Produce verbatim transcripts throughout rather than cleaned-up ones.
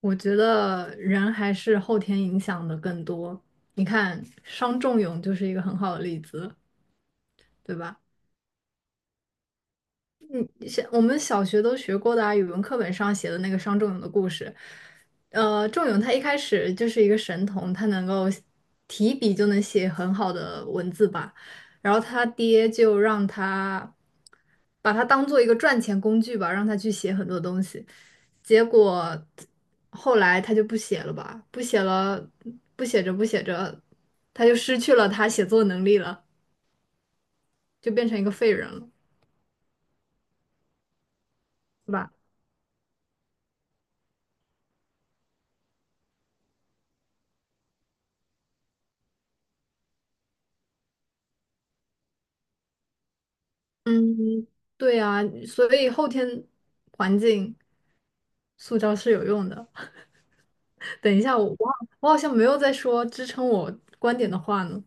我觉得人还是后天影响的更多。你看，商仲永就是一个很好的例子，对吧？像我们小学都学过的啊，语文课本上写的那个商仲永的故事。呃，仲永他一开始就是一个神童，他能够提笔就能写很好的文字吧。然后他爹就让他把他当做一个赚钱工具吧，让他去写很多东西。结果后来他就不写了吧，不写了，不写着不写着，他就失去了他写作能力了，就变成一个废人了，是吧？嗯，对啊，所以后天环境塑造是有用的。等一下，我我好我好像没有在说支撑我观点的话呢。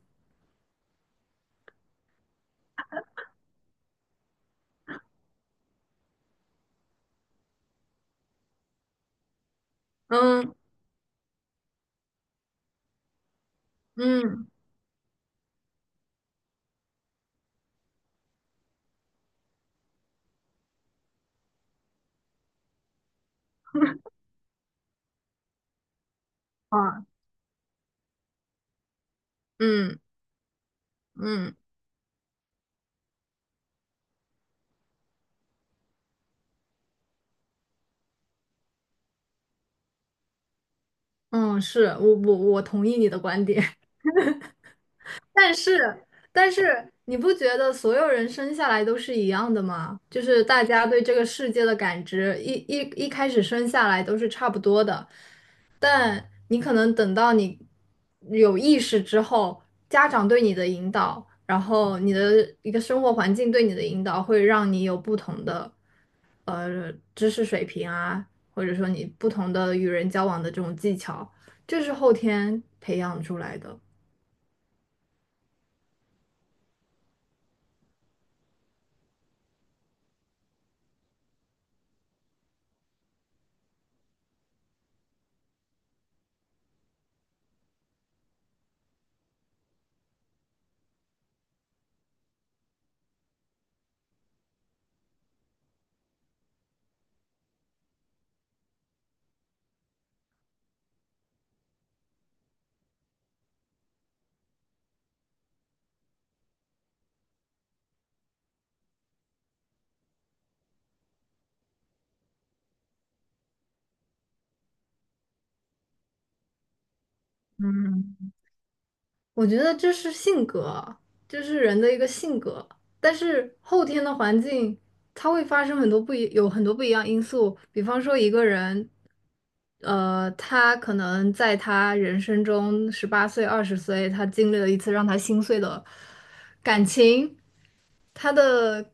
嗯嗯啊，嗯嗯嗯，是我我我同意你的观点。但是，但是你不觉得所有人生下来都是一样的吗？就是大家对这个世界的感知，一一一开始生下来都是差不多的，但你可能等到你有意识之后，家长对你的引导，然后你的一个生活环境对你的引导，会让你有不同的呃知识水平啊，或者说你不同的与人交往的这种技巧，这是后天培养出来的。我觉得这是性格啊，这是人的一个性格。但是后天的环境，它会发生很多不一，有很多不一样因素。比方说，一个人，呃，他可能在他人生中十八岁、二十岁，他经历了一次让他心碎的感情，他的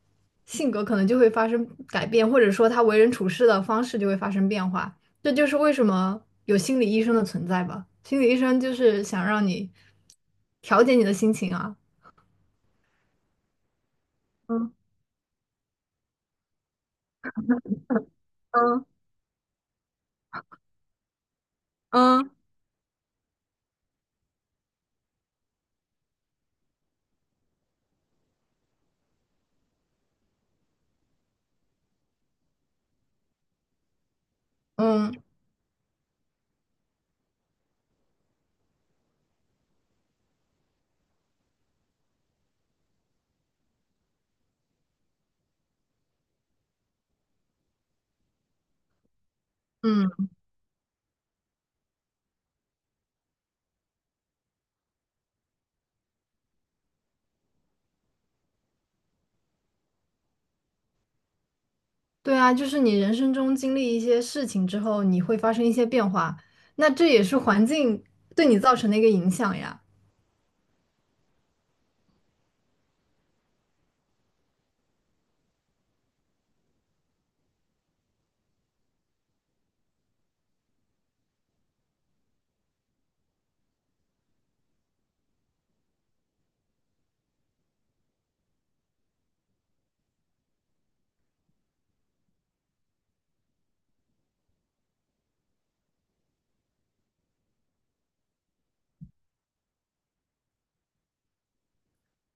性格可能就会发生改变，或者说他为人处事的方式就会发生变化。这就是为什么有心理医生的存在吧？心理医生就是想让你调节你的心情啊。嗯嗯嗯嗯嗯，对啊，就是你人生中经历一些事情之后，你会发生一些变化，那这也是环境对你造成的一个影响呀。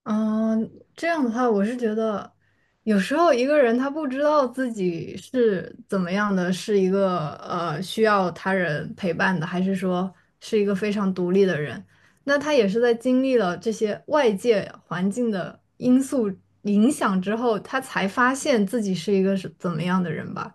嗯，这样的话，我是觉得，有时候一个人他不知道自己是怎么样的，是一个呃需要他人陪伴的，还是说是一个非常独立的人，那他也是在经历了这些外界环境的因素影响之后，他才发现自己是一个是怎么样的人吧。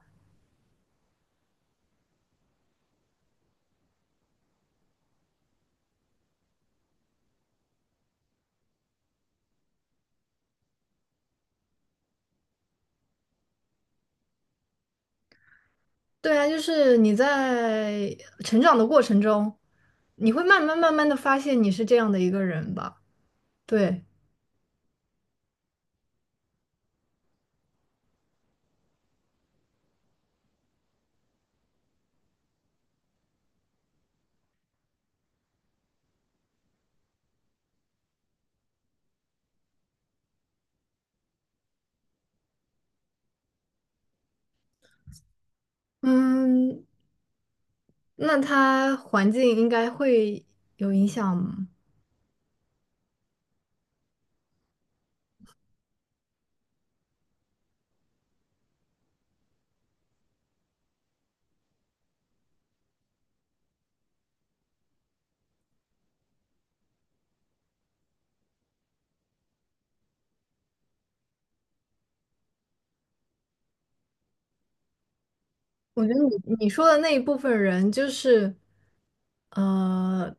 对啊，就是你在成长的过程中，你会慢慢慢慢的发现你是这样的一个人吧。对。嗯，那他环境应该会有影响吗？我觉得你你说的那一部分人就是，呃，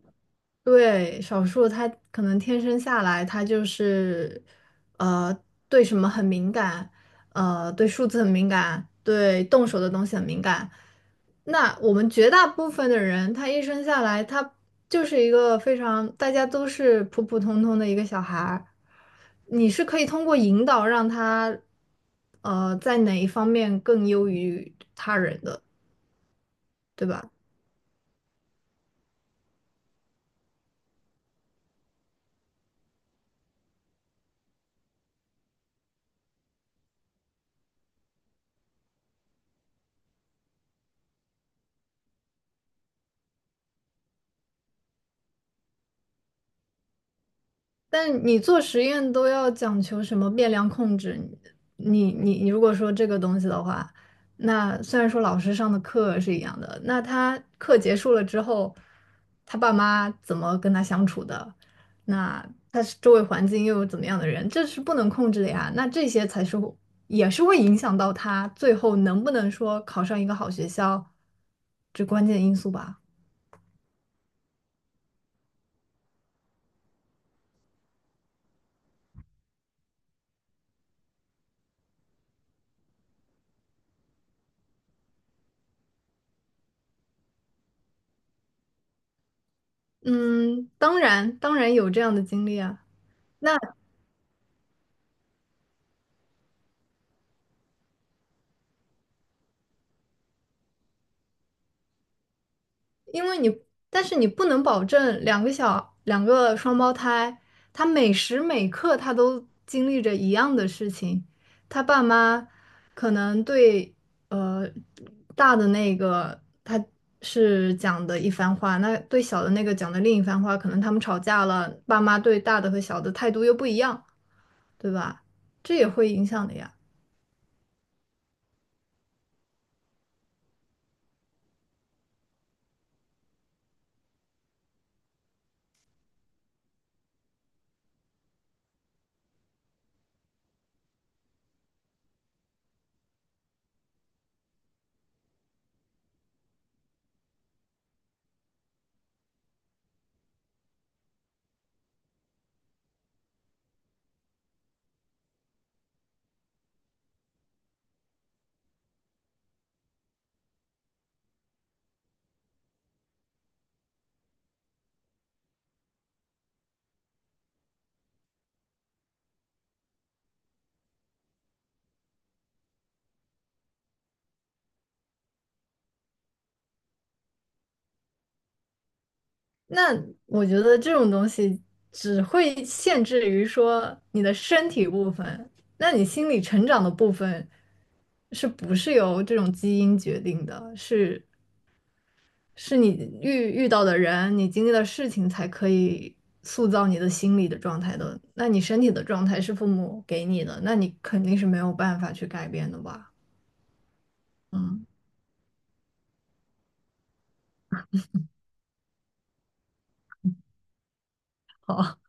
对，少数他可能天生下来他就是，呃，对什么很敏感，呃，对数字很敏感，对动手的东西很敏感，那我们绝大部分的人，他一生下来，他就是一个非常，大家都是普普通通的一个小孩儿。你是可以通过引导让他，呃，在哪一方面更优于他人的，对吧？但你做实验都要讲求什么变量控制？你你你如果说这个东西的话，那虽然说老师上的课是一样的，那他课结束了之后，他爸妈怎么跟他相处的？那他是周围环境又有怎么样的人？这是不能控制的呀。那这些才是会也是会影响到他最后能不能说考上一个好学校，这关键因素吧。嗯，当然当然有这样的经历啊。那。因为你，但是你不能保证两个小两个双胞胎，他每时每刻他都经历着一样的事情。他爸妈可能对呃大的那个他是讲的一番话，那对小的那个讲的另一番话，可能他们吵架了，爸妈对大的和小的态度又不一样，对吧？这也会影响的呀。那我觉得这种东西只会限制于说你的身体部分，那你心理成长的部分是不是由这种基因决定的？是是你遇遇到的人，你经历的事情才可以塑造你的心理的状态的。那你身体的状态是父母给你的，那你肯定是没有办法去改变的吧？嗯，好，